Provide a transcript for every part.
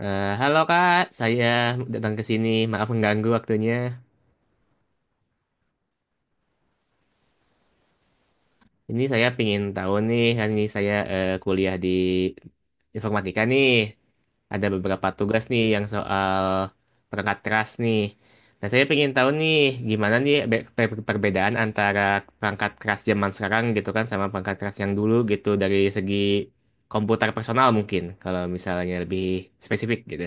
Halo Kak, saya datang ke sini. Maaf mengganggu waktunya. Ini saya pingin tahu nih, hari ini saya kuliah di informatika nih. Ada beberapa tugas nih yang soal perangkat keras nih. Nah, saya pingin tahu nih, gimana nih perbedaan antara perangkat keras zaman sekarang gitu kan sama perangkat keras yang dulu gitu dari segi komputer personal mungkin, kalau misalnya lebih spesifik gitu.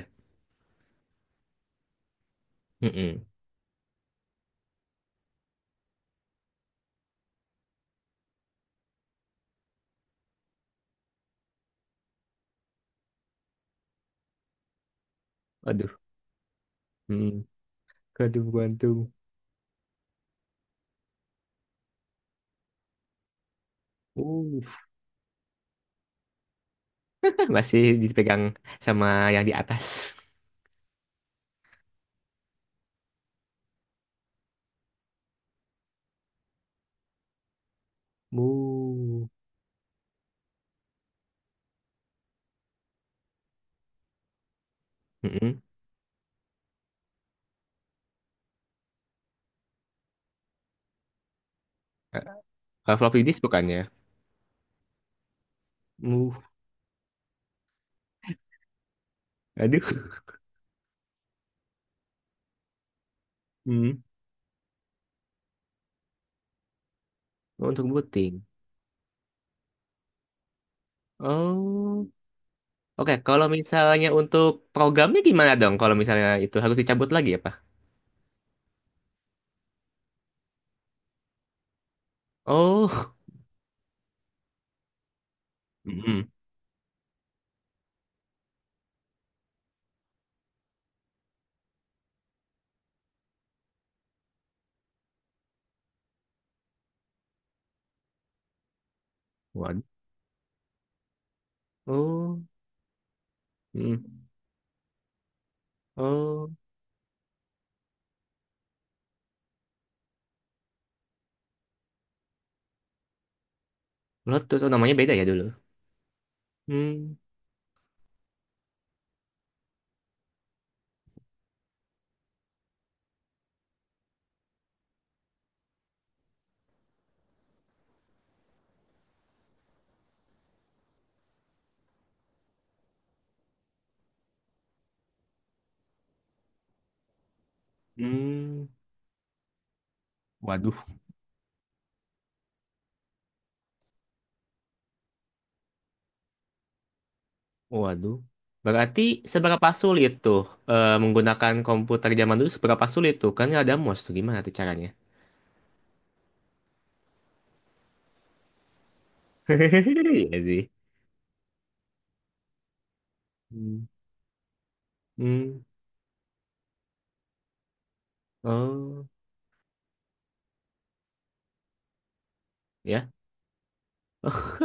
Mm-mm. Aduh. Hmm. Aduh, gantung. Masih dipegang sama yang di atas. Mu. Mm-mm. Kalau floppy disk bukannya. Mu. Aduh. Hmm. Oh, untuk booting. Oh. Oke, kalau misalnya untuk programnya gimana dong? Kalau misalnya itu harus dicabut lagi apa? Oh. Mm-mm. Waduh. Oh. Mm. Oh. Bluetooth. Oh, namanya beda ya dulu. Hmm. Hmm. Waduh. Waduh. Berarti seberapa sulit tuh menggunakan komputer zaman dulu seberapa sulit tuh? Kan nggak ada mouse tuh gimana tuh caranya? Iya sih. Hmm. Hmm. Oh, ya. Oh.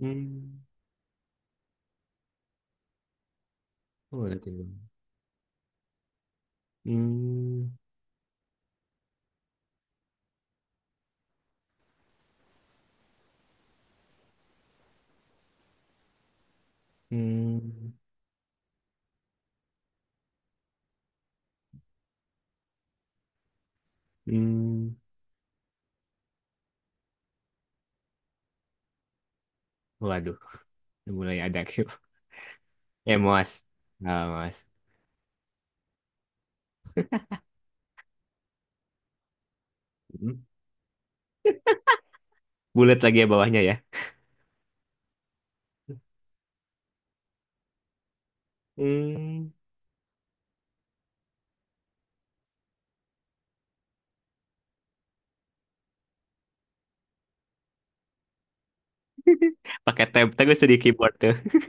Hmm. Oh, ada tiga. Hmm. Hmm. Hmm. Waduh, mulai ada Q. Mas. Ah, Mas. Hmm. Bulat lagi ya bawahnya ya. Hmm. Pakai tab terus di keyboard tuh.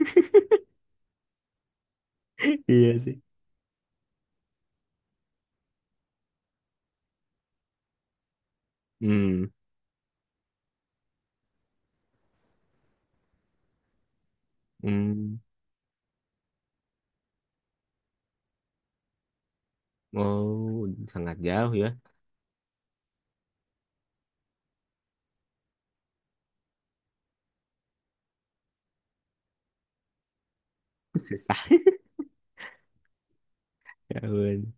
Iya sih. Hmm. Hmm. Oh, sangat jauh ya. Susah. Ya ampun.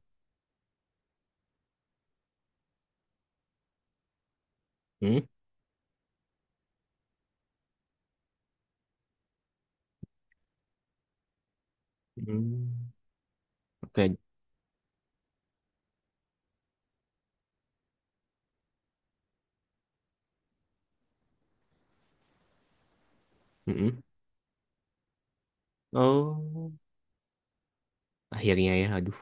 Hmm? Hmm. Oke. Hmm. Oh, akhirnya ya. Aduh,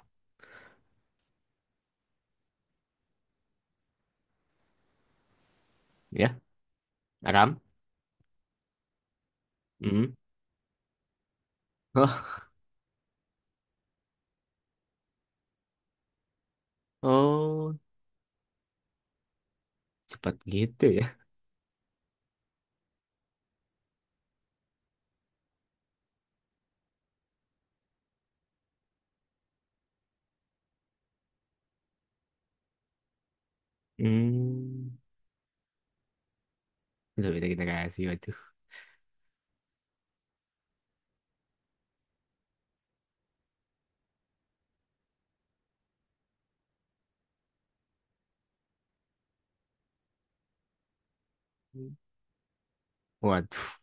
ya. Aram. Hmm. Oh, oh, cepat gitu ya. Hmm. Udah beda generasi, waduh. Waduh.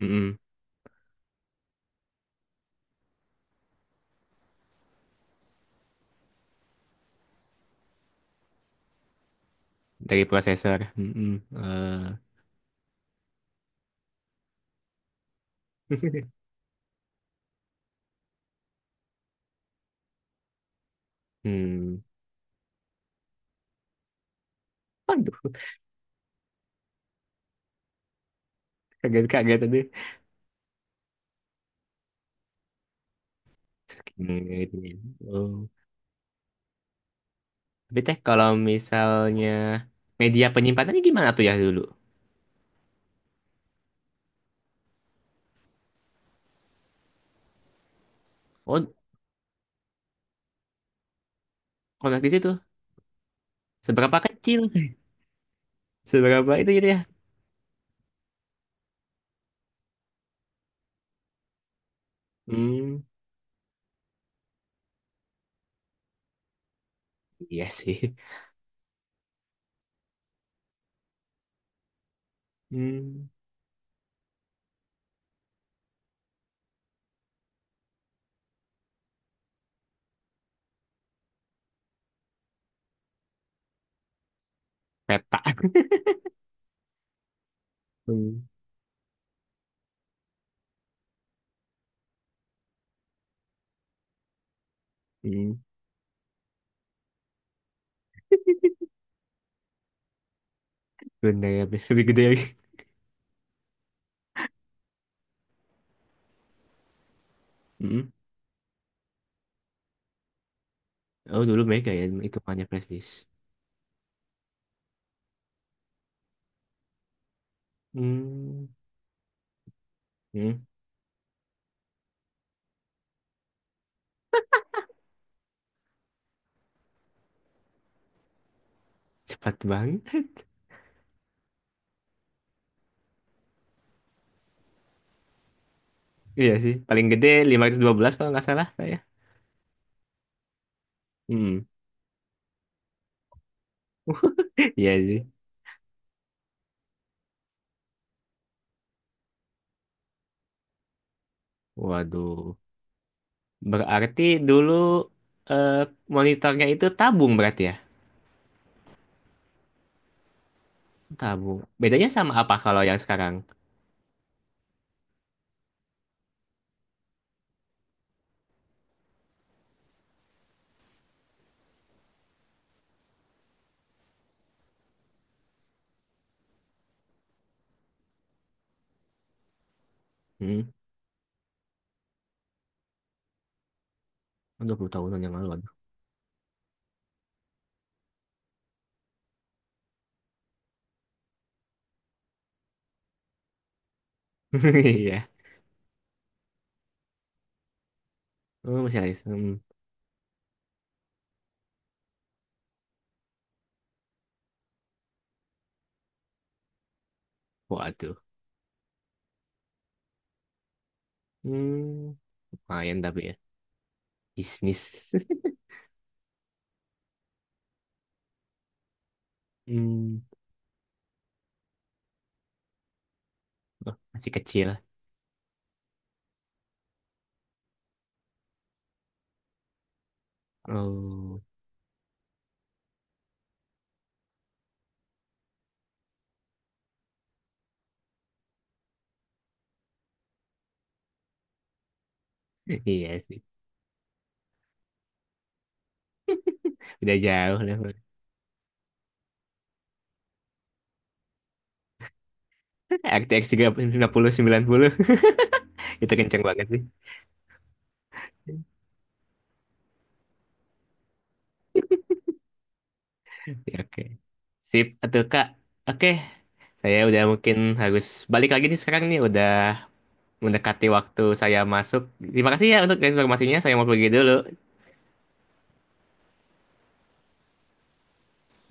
Hmm. Dari prosesor. Hmm. Hmm. Waduh, kaget-kaget tadi. Hmm, gitu ya. Oh. Tapi teh kalau misalnya media penyimpanannya gimana tuh ya dulu? Oh, kontak di situ. Seberapa kecil? Seberapa itu gitu ya? Hmm. Iya sih. Hmm. Peta. Hmm. Hmm. Gundala lebih gede lagi. Hmm. Oh dulu Mega ya hitungannya prestis. Hmm. Hmm. Cepat banget. Iya sih. Paling gede 512 kalau nggak salah saya. Hmm. Iya sih. Waduh. Berarti dulu eh, monitornya itu tabung berarti ya? Tabung. Bedanya sama apa kalau yang sekarang? Hmm. Oh, 20 tahunan yang lalu. Aduh. Iya. Oh, masih ada. Hmm. Waduh. Hmm. Lumayan tapi ya. Bisnis. Hmm, oh, masih kecil. Oh, iya sih. Udah jauh lah. RTX 3090 itu kenceng banget sih. Ya, oke. Sip, atau Kak. Oke. Saya udah mungkin harus balik lagi nih sekarang nih udah mendekati waktu saya masuk. Terima kasih ya untuk informasinya. Saya mau pergi dulu.